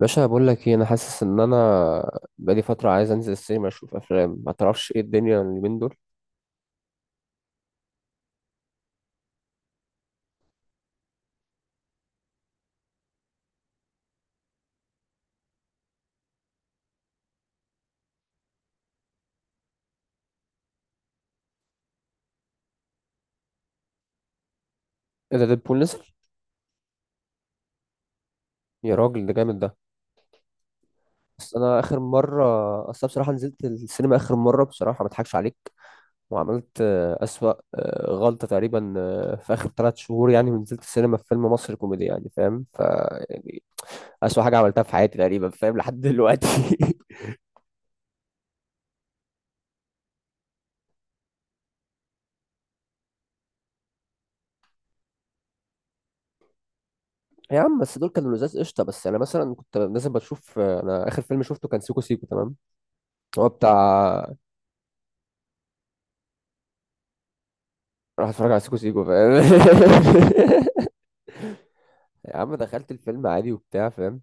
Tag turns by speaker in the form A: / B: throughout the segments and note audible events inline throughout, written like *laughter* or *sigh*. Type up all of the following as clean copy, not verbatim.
A: باشا بقول لك ايه؟ انا حاسس ان انا بقالي فتره عايز انزل السينما اشوف افلام، ما تعرفش ايه الدنيا اليومين دول؟ ايه ده، ديدبول نزل؟ يا راجل ده جامد ده. بس انا اخر مره، اصل أنا بصراحه نزلت السينما اخر مره، بصراحه ما اضحكش عليك، وعملت اسوأ غلطه تقريبا في اخر ثلاث شهور، يعني ونزلت السينما في فيلم مصري كوميدي يعني فاهم؟ يعني اسوأ حاجه عملتها في حياتي تقريبا، فاهم لحد دلوقتي. *laughs* يا عم بس دول كانوا لزاز قشطه، بس انا مثلا كنت نازل بشوف انا اخر فيلم شفته كان سيكو سيكو، تمام؟ هو بتاع راح اتفرج على سيكو سيكو فاهم. *laughs* يا عم دخلت الفيلم عادي وبتاع فاهم،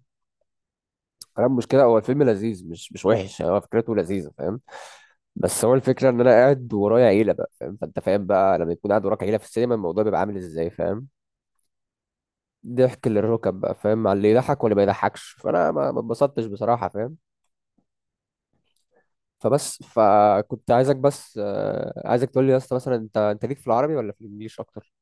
A: انا المشكله هو الفيلم لذيذ، مش وحش يعني، هو فكرته لذيذه فاهم. بس هو الفكره ان انا قاعد ورايا عيله بقى فاهم، فانت فاهم بقى لما يكون قاعد وراك عيله في السينما الموضوع بيبقى عامل ازاي فاهم. ضحك للركب بقى فاهم، على اللي يضحك واللي ما يضحكش، فانا ما اتبسطتش بصراحه فاهم. فبس فكنت عايزك بس عايزك تقول لي يا اسطى مثلا، انت ليك في العربي ولا في الانجليش اكتر؟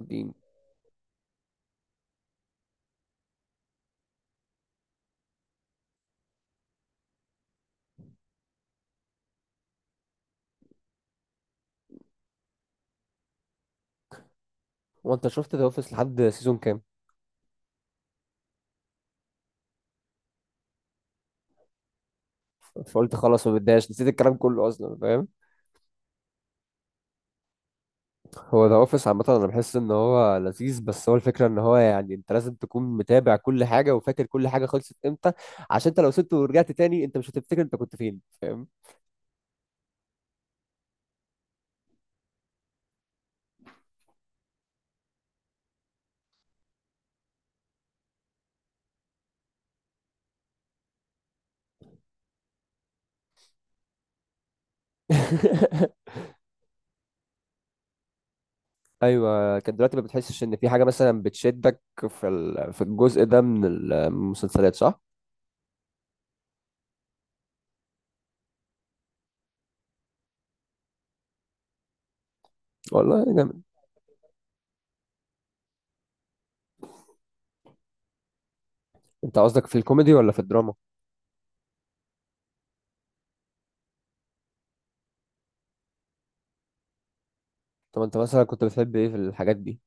A: دين. وانت شفت ذا اوفيس لحد سيزون كام؟ فقلت خلاص ما بتضايقش، نسيت الكلام كله اصلا فاهم. هو ذا اوفيس عامه انا بحس ان هو لذيذ، بس هو الفكره ان هو يعني انت لازم تكون متابع كل حاجه وفاكر كل حاجه خلصت امتى، عشان انت لو سبته ورجعت تاني انت مش هتفتكر انت كنت فين فاهم. *laughs* ايوه، كان دلوقتي ما بتحسش ان في حاجه مثلا بتشدك في في الجزء ده من المسلسلات، صح؟ والله جامد. انت قصدك في الكوميدي ولا في الدراما؟ طب انت مثلا كنت بتحب ايه في الحاجات دي؟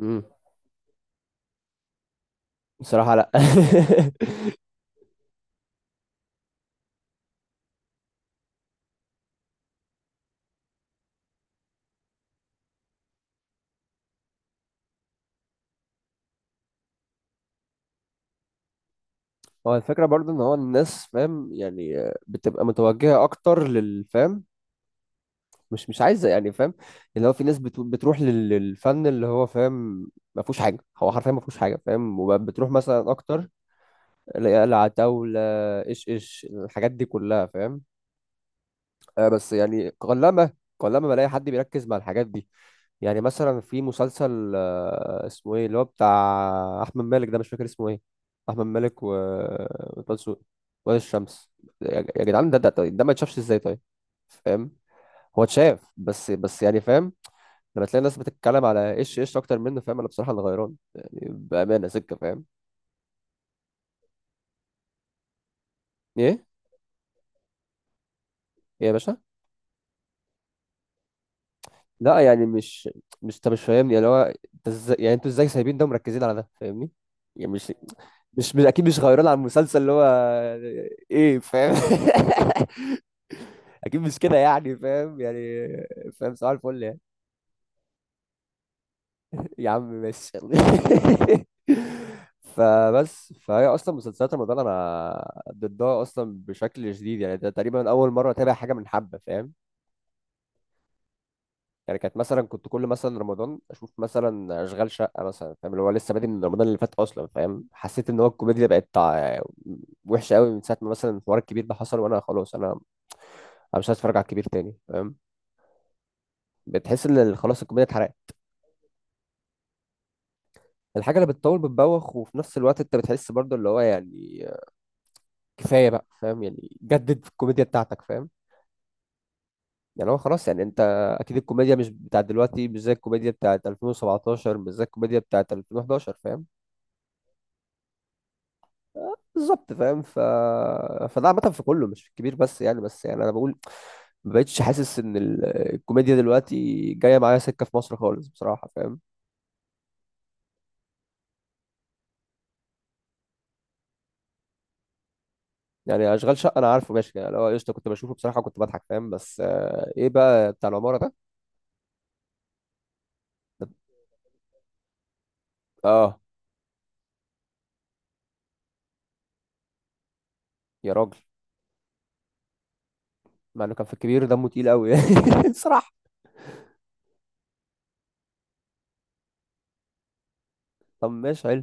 A: امم، بصراحه لا. *laughs* هو الفكرة برضو ان هو الناس فاهم يعني بتبقى متوجهة اكتر للفهم، مش عايزة يعني فاهم. اللي هو في ناس بتروح للفن اللي هو فاهم ما فيهوش حاجة، هو حرفيا ما فيهوش حاجة فاهم، وبتروح مثلا اكتر لقلعة طاولة، ايش ايش الحاجات دي كلها فاهم. بس يعني قلما بلاقي حد بيركز مع الحاجات دي. يعني مثلا في مسلسل اسمه ايه اللي هو بتاع احمد مالك ده، مش فاكر اسمه ايه. احمد مالك و وطه دسوقي، وائل الشمس، يا يا جدعان ده طيب، ده ما يتشافش ازاي طيب؟ فاهم. هو اتشاف بس يعني فاهم. لما تلاقي الناس بتتكلم على ايش ايش اكتر منه فاهم، انا بصراحه اللي غيران يعني بامانه سكه فاهم. ايه. ايه يا باشا؟ لا يعني مش، مش انت مش فاهمني اللي هو، انت ازاي يعني، انتوا ازاي سايبين ده ومركزين على ده فاهمني؟ يعني مش، اكيد مش غيران على المسلسل اللي هو ايه فاهم. *laughs* اكيد مش كده يعني فاهم يعني، فاهم صباح الفل يعني. يا عم ماشي يلا. *laughs* فبس فهي اصلا مسلسلات رمضان انا ضدها اصلا بشكل شديد يعني، ده تقريبا اول مره اتابع حاجه من حبه فاهم. يعني كانت مثلا كنت كل مثلا رمضان اشوف مثلا اشغال شقه مثلا فاهم، اللي هو لسه بادئ من رمضان اللي فات اصلا فاهم، حسيت ان هو الكوميديا بقت وحشه قوي من ساعه ما مثلا الحوار الكبير ده حصل، وانا خلاص انا مش عايز اتفرج على الكبير تاني فاهم. بتحس ان خلاص الكوميديا اتحرقت. الحاجه اللي بتطول بتبوخ، وفي نفس الوقت انت بتحس برضو اللي هو يعني كفايه بقى فاهم، يعني جدد في الكوميديا بتاعتك فاهم. يعني هو خلاص يعني انت، اكيد الكوميديا مش بتاعت دلوقتي مش زي الكوميديا بتاعت 2017، مش زي الكوميديا بتاعت 2011 فاهم. بالظبط فاهم فده عامة في كله مش في الكبير بس يعني، بس يعني انا بقول ما بقتش حاسس ان الكوميديا دلوقتي جايه معايا سكه في مصر خالص بصراحه فاهم. يعني اشغال شقه انا عارفه ماشي، يعني لو قشطه كنت بشوفه بصراحه كنت بضحك فاهم، بس ايه بقى بتاع العماره ده؟ ده- اه. يا راجل مع انه كان في الكبير دمه تقيل قوي *laughs* يعني بصراحه. طب ماشي حلو.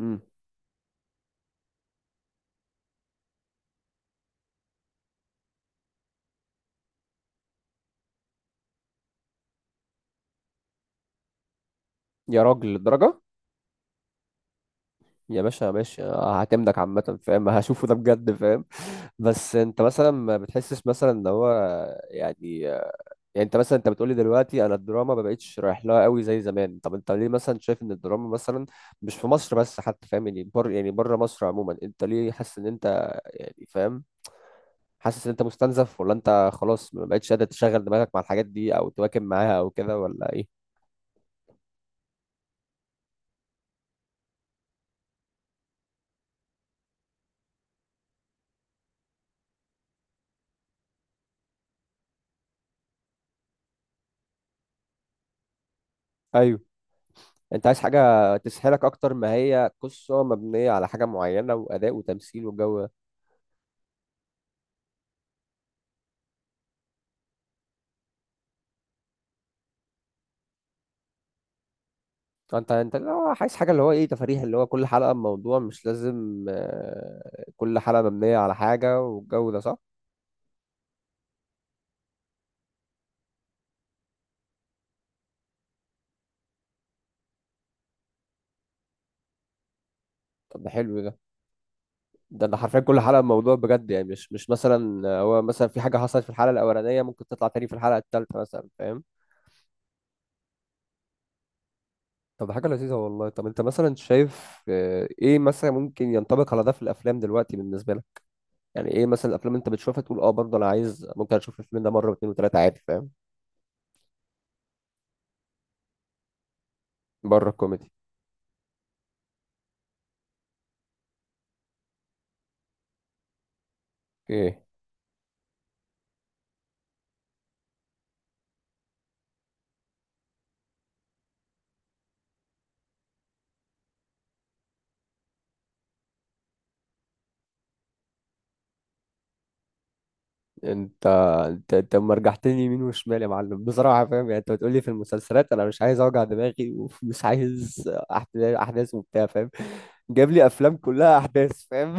A: امم. يا راجل للدرجه؟ يا باشا ماشي هعتمدك عامة فاهم، هشوفه ده بجد فاهم. بس انت مثلا ما بتحسش مثلا ان هو يعني، يعني انت مثلا انت بتقولي دلوقتي انا الدراما ما بقتش رايح لها قوي زي زمان، طب انت ليه مثلا شايف ان الدراما مثلا مش في مصر بس حتى فاهم يعني، يعني بره مصر عموما انت ليه حاسس ان انت يعني فاهم، حاسس ان انت مستنزف ولا انت خلاص ما بقتش قادر تشغل دماغك مع الحاجات دي او تواكب معاها او كده ولا ايه؟ ايوه، انت عايز حاجة تسحلك اكتر ما هي قصة مبنية على حاجة معينة واداء وتمثيل والجو. انت انت اللي هو عايز حاجه اللي هو ايه، تفاريح اللي هو كل حلقه بموضوع، مش لازم كل حلقه مبنيه على حاجه والجو ده، صح؟ طب ده حلو ده، ده حرفيا كل حلقه بموضوع بجد يعني، مش مثلا هو مثلا في حاجه حصلت في الحلقه الاولانيه ممكن تطلع تاني في الحلقه الثالثه مثلا فاهم. طب ده حاجه لذيذه والله. طب انت مثلا شايف ايه مثلا ممكن ينطبق على ده في الافلام دلوقتي بالنسبه لك؟ يعني ايه مثلا الافلام انت بتشوفها تقول اه برضه انا عايز ممكن اشوف الفيلم ده مره واثنين وثلاثه عادي فاهم؟ بره الكوميدي. اوكي. انت انت أما رجعتني يمين وشمال يا معلم بصراحه فاهم، يعني انت بتقولي في المسلسلات انا مش عايز اوجع دماغي ومش عايز احداث احداث وبتاع فاهم، جاب لي افلام كلها احداث فاهم.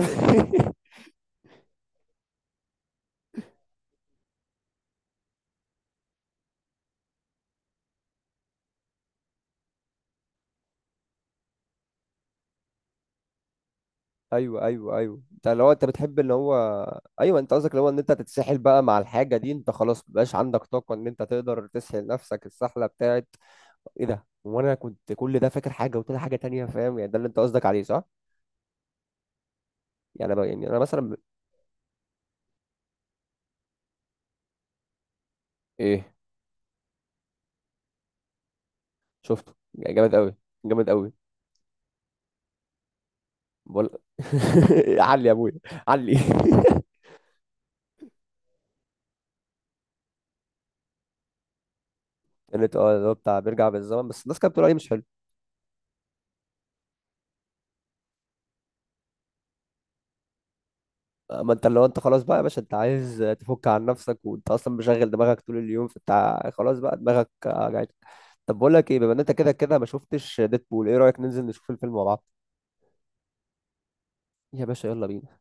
A: *laughs* ايوه ايوه ايوه، انت لو انت بتحب اللي هو، ايوه انت قصدك اللي هو ان انت تتسحل بقى مع الحاجه دي انت خلاص مبقاش عندك طاقه ان انت تقدر تسحل نفسك السحله بتاعت ايه ده، وانا كنت كل ده فاكر حاجه وطلع حاجه تانية فاهم يعني، ده اللي انت قصدك عليه، صح؟ يعني انا يعني انا مثلا ايه؟ شفته، يعني جامد قوي جامد قوي. بقول. *laughs* علي يا ابويا، علي. *laughs* كانت اه اللي هو بتاع بيرجع بالزمن، بس الناس كانت بتقول عليه مش حلو. اما انت لو انت خلاص بقى يا باشا انت عايز تفك عن نفسك، وانت اصلا مشغل دماغك طول اليوم، فانت خلاص بقى دماغك وجعتك. طب بقول لك ايه، بما ان انت كده كده ما شفتش ديدبول، ايه رايك ننزل نشوف الفيلم مع بعض؟ يا باشا يلا بينا.